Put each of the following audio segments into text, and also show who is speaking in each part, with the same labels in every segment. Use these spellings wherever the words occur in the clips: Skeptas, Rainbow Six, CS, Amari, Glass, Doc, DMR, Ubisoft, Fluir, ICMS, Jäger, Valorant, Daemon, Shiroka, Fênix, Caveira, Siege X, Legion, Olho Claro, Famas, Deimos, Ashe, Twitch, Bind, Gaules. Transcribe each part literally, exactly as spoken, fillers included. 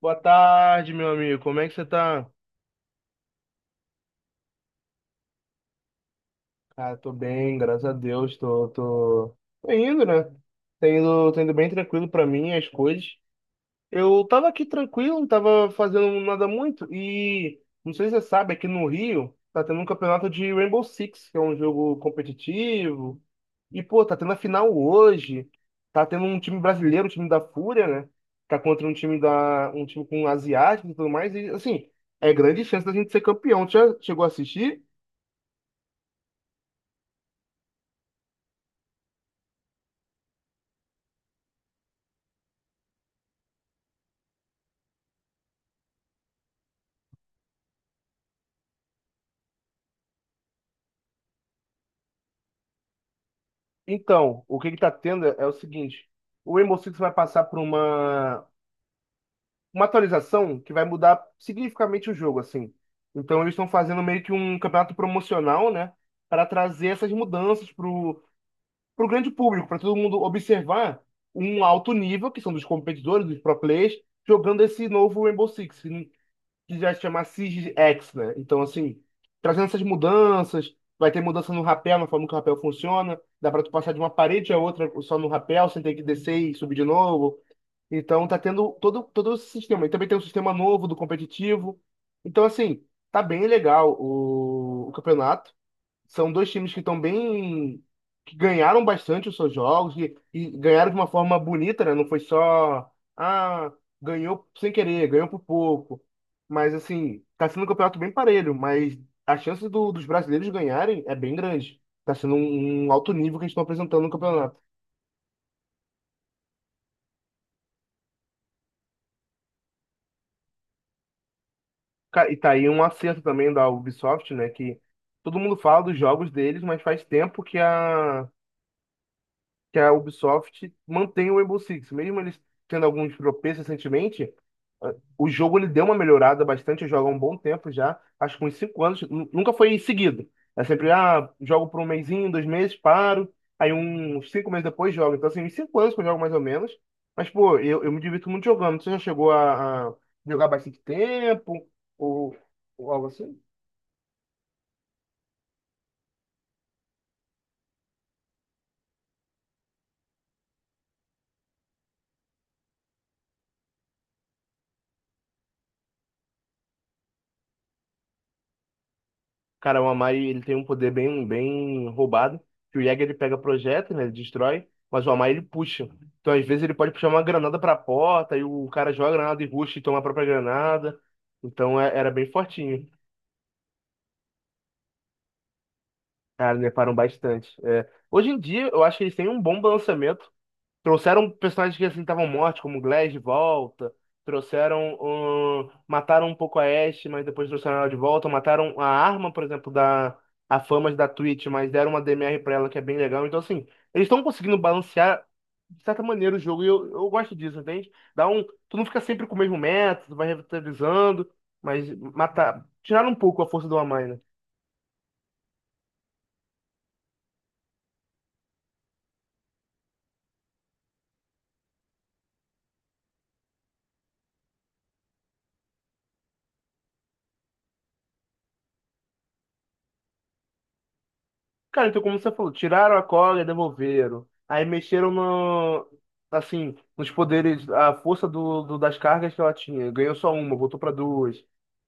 Speaker 1: Boa tarde, meu amigo. Como é que você tá? Cara, tô bem, graças a Deus. Tô, tô... tô indo, né? Tô indo, tô indo bem tranquilo pra mim, as coisas. Eu tava aqui tranquilo, não tava fazendo nada muito e não sei se você sabe, aqui no Rio tá tendo um campeonato de Rainbow Six, que é um jogo competitivo. E pô, tá tendo a final hoje. Tá tendo um time brasileiro, um time da Fúria, né? Tá contra um time da um time com asiático e tudo mais e assim, é grande chance da gente ser campeão. Tu já chegou a assistir? Então, o que que tá tendo é é o seguinte, o Rainbow Six vai passar por uma uma atualização que vai mudar significativamente o jogo, assim. Então eles estão fazendo meio que um campeonato promocional, né, para trazer essas mudanças pro pro grande público, para todo mundo observar um alto nível, que são dos competidores, dos pro players, jogando esse novo Rainbow Six, que que já se chama Siege X, né? Então assim, trazendo essas mudanças, vai ter mudança no rapel, na forma que o rapel funciona, dá para tu passar de uma parede a outra só no rapel, sem ter que descer e subir de novo. Então tá tendo todo, todo esse sistema. E também tem um sistema novo do competitivo. Então, assim, tá bem legal o, o campeonato. São dois times que estão bem. Que ganharam bastante os seus jogos e, e ganharam de uma forma bonita, né? Não foi só. Ah, ganhou sem querer, ganhou por pouco. Mas, assim, tá sendo um campeonato bem parelho, mas a chance do- dos brasileiros ganharem é bem grande. Tá sendo um, um alto nível que eles estão apresentando no campeonato. Ca- E tá aí um acerto também da Ubisoft, né? Que todo mundo fala dos jogos deles, mas faz tempo que a que a Ubisoft mantém o Rainbow Six. Mesmo eles tendo alguns tropeços recentemente, ah, o jogo ele deu uma melhorada bastante. Eu jogo há um bom tempo já, acho que uns cinco anos. nu- Nunca foi seguido. É sempre, ah, jogo por um mesinho, dois meses, paro. Aí uns cinco meses depois jogo. Então, assim, uns cinco anos que eu jogo mais ou menos. Mas, pô, eu, eu me divirto muito jogando. Você já chegou a, a jogar bastante tempo? Ou, ou algo assim? Cara, o Amari, ele tem um poder bem, bem roubado, que o Jäger, ele pega projétil, né, ele destrói, mas o Amari, ele puxa. Então, às vezes, ele pode puxar uma granada pra porta, e o cara joga a granada e rusha e toma a própria granada. Então, é- era bem fortinho. Cara, me param bastante. É, hoje em dia, eu acho que eles têm um bom balanceamento. Trouxeram personagens que assim estavam mortos, como Glass de volta. Trouxeram. Ahn, mataram um pouco a Ashe, mas depois trouxeram ela de volta. Mataram a arma, por exemplo, da. A Famas da Twitch, mas deram uma D M R pra ela que é bem legal. Então, assim, eles estão conseguindo balancear de certa maneira o jogo e eu, eu gosto disso, entende? Dá um. Tu não fica sempre com o mesmo método, vai revitalizando, mas matar. Tiraram um pouco a força do Amai, né? Cara, então como você falou, tiraram a cola e devolveram. Aí mexeram no, assim, nos poderes, a força do, do- das cargas que ela tinha. Ganhou só uma, voltou para duas.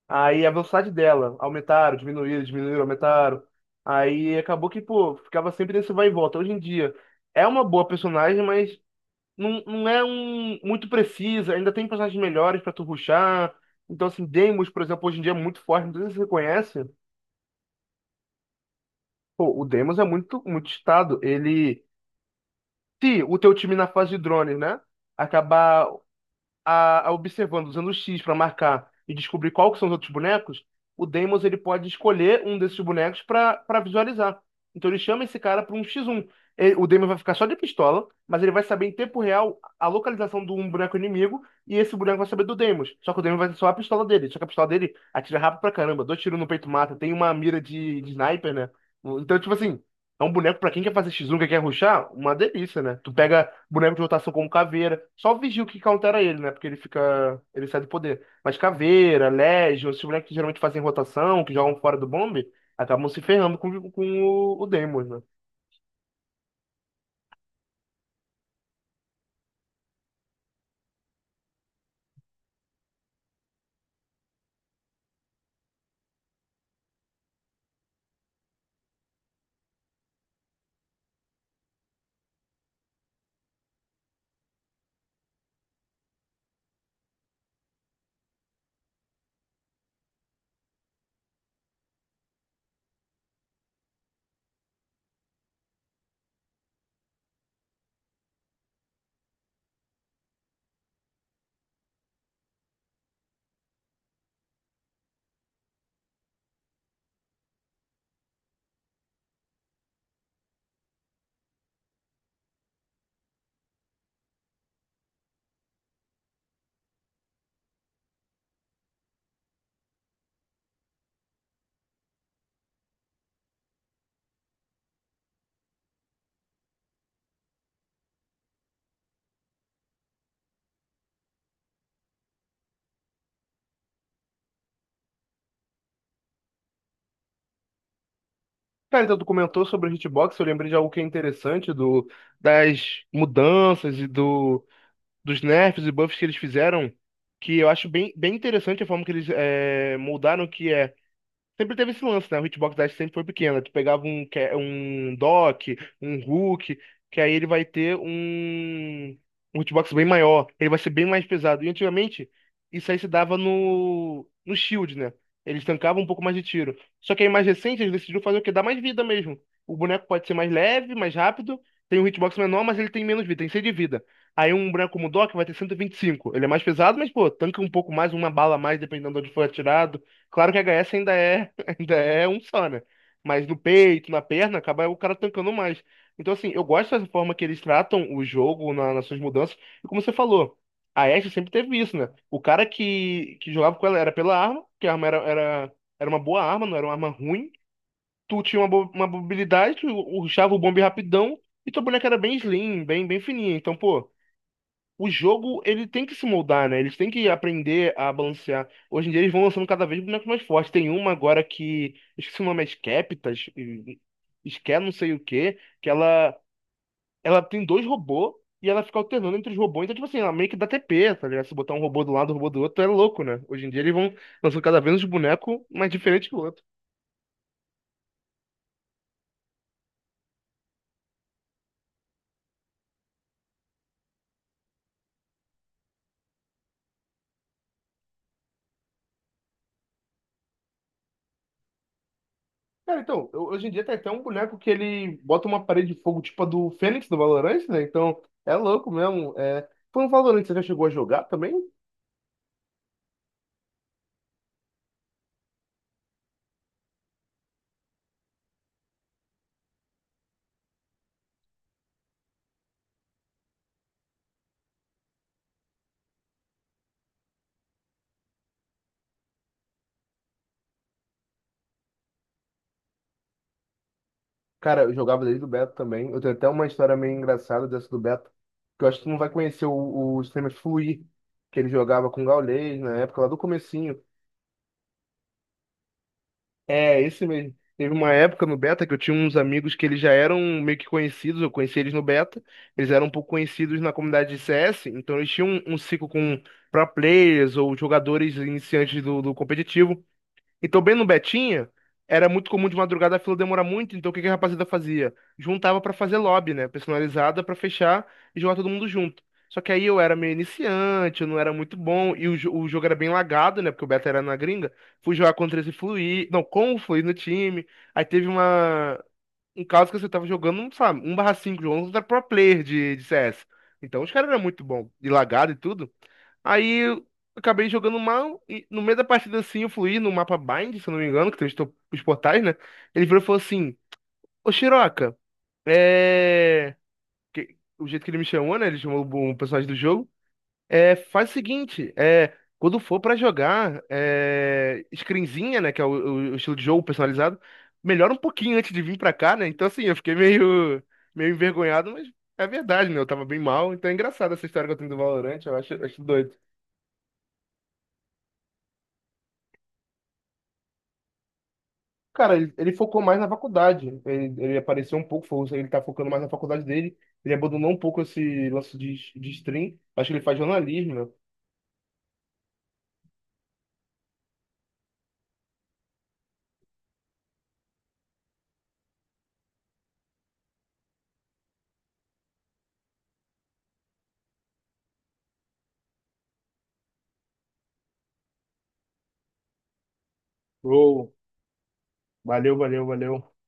Speaker 1: Aí a velocidade dela, aumentaram, diminuíram, diminuíram, aumentaram. Aí acabou que, pô, ficava sempre nesse vai e volta. Hoje em dia, é uma boa personagem, mas não, não é um, muito precisa. Ainda tem personagens melhores para tu rushar. Então, assim, Deimos, por exemplo, hoje em dia é muito forte. Não sei se você conhece. Pô, o Deimos é muito, muito estado. Ele. Se o teu time na fase de drones, né, acabar a, a observando, usando o X para marcar e descobrir qual que são os outros bonecos, o Deimos ele pode escolher um desses bonecos para para visualizar. Então ele chama esse cara para um x um. Ele- o Deimos vai ficar só de pistola, mas ele vai saber em tempo real a localização de um boneco inimigo e esse boneco vai saber do Deimos. Só que o Deimos vai só a pistola dele. Só que a pistola dele atira rápido pra caramba, dois tiros no peito mata, tem uma mira de, de sniper, né? Então, tipo assim. É um boneco pra quem quer fazer X um, que quer rushar, uma delícia, né? Tu pega boneco de rotação como Caveira, só vigia o que countera ele, né? Porque ele fica, ele sai do poder. Mas Caveira, Legion, esses bonecos que geralmente fazem rotação, que jogam fora do bombe, acabam se ferrando com, com o, o Daemon, né? Cara, então tu comentou sobre o hitbox, eu lembrei de algo que é interessante do, das mudanças e do, dos nerfs e buffs que eles fizeram, que eu acho bem, bem interessante a forma que eles eh, moldaram, que é. Sempre teve esse lance, né? O hitbox dash sempre foi pequeno. Tu pegava um, ca- um dock, um hook, que aí ele vai ter um, um hitbox bem maior. Ele vai ser bem mais pesado. E antigamente, isso aí se dava no, no shield, né? Eles tancavam um pouco mais de tiro. Só que aí mais recente, eles decidiram fazer o quê? Dar mais vida mesmo. O boneco pode ser mais leve, mais rápido, tem um hitbox menor, mas ele tem menos vida, tem cem de vida. Aí um boneco como o Doc vai ter cento e e vinte e cinco. Ele é mais pesado, mas, pô, tanca um pouco mais, uma bala a mais, dependendo de onde for atirado. Claro que a H S ainda é é um só, né? Mas no peito, na perna, acaba o cara tancando mais. Então, assim, eu gosto dessa forma que eles tratam o jogo na- nas suas mudanças. E como você falou, a Ashe sempre teve isso, né? O cara que, que jogava com ela era pela arma, que a arma era, era, era uma boa arma, não era uma arma ruim. Tu tinha uma, bo- uma mobilidade, tu rushava o bombe rapidão, e tua boneca era bem slim, bem, bem fininha. Então, pô, o jogo ele tem que se moldar, né? Eles têm que aprender a balancear. Hoje em dia eles vão lançando cada vez bonecos mais fortes. Tem uma agora que, esqueci o nome, é Skeptas, Sker não sei o quê, que ela ela tem dois robôs e ela fica alternando entre os robôs. Então, tipo assim, ela meio que dá T P, tá ligado? Se botar um robô do lado, um robô do outro, é louco, né? Hoje em dia eles vão lançando cada vez um boneco mais diferente que o outro. Cara, então, eu- hoje em dia tem até um boneco que ele bota uma parede de fogo tipo a do Fênix do Valorant, né? Então, é louco mesmo. É... Foi no Valorant, você já chegou a jogar também? Cara, eu jogava desde o beta também. Eu tenho até uma história meio engraçada dessa do beta, que eu acho que tu não vai conhecer o, o streamer Fluir, que ele jogava com o Gaules na época, lá do comecinho. É, esse mesmo. Teve uma época no Beta que eu tinha uns amigos que eles já eram meio que conhecidos, eu conheci eles no Beta, eles eram um pouco conhecidos na comunidade de C S, então eles tinham um, um ciclo com pro players ou jogadores iniciantes do, do competitivo, então, bem no Betinha, era muito comum de madrugada a fila demorar muito, então o que que a rapaziada fazia? Juntava pra fazer lobby, né? Personalizada pra fechar e jogar todo mundo junto. Só que aí eu era meio iniciante, eu não era muito bom, e o, jo- o jogo era bem lagado, né? Porque o beta era na gringa. Fui jogar contra esse Fluir, não, com o Fluir no time. Aí teve uma, um caso que você tava jogando, sabe, um barra cinco jogando contra pro player de, de C S. Então os caras eram muito bom, e lagado e tudo. Aí eu acabei jogando mal e no meio da partida assim eu fluí no mapa Bind, se eu não me engano, que tem os, to- os portais, né? Ele virou e falou assim: Ô Shiroka, é. Que- o jeito que ele me chamou, né? Ele chamou um personagem do jogo. É, faz o seguinte: é. Quando for pra jogar, é. Screenzinha, né? Que é o, o- estilo de jogo personalizado, melhora um pouquinho antes de vir pra cá, né? Então assim, eu fiquei meio. Meio envergonhado, mas é verdade, né? Eu tava bem mal, então é engraçado essa história que eu tenho do Valorant, eu acho, acho doido. Cara, ele, ele focou mais na faculdade. Ele, ele apareceu um pouco, fo- ele tá focando mais na faculdade dele. Ele abandonou um pouco esse lance de, de stream. Acho que ele faz jornalismo, né? Bro, valeu, valeu, valeu.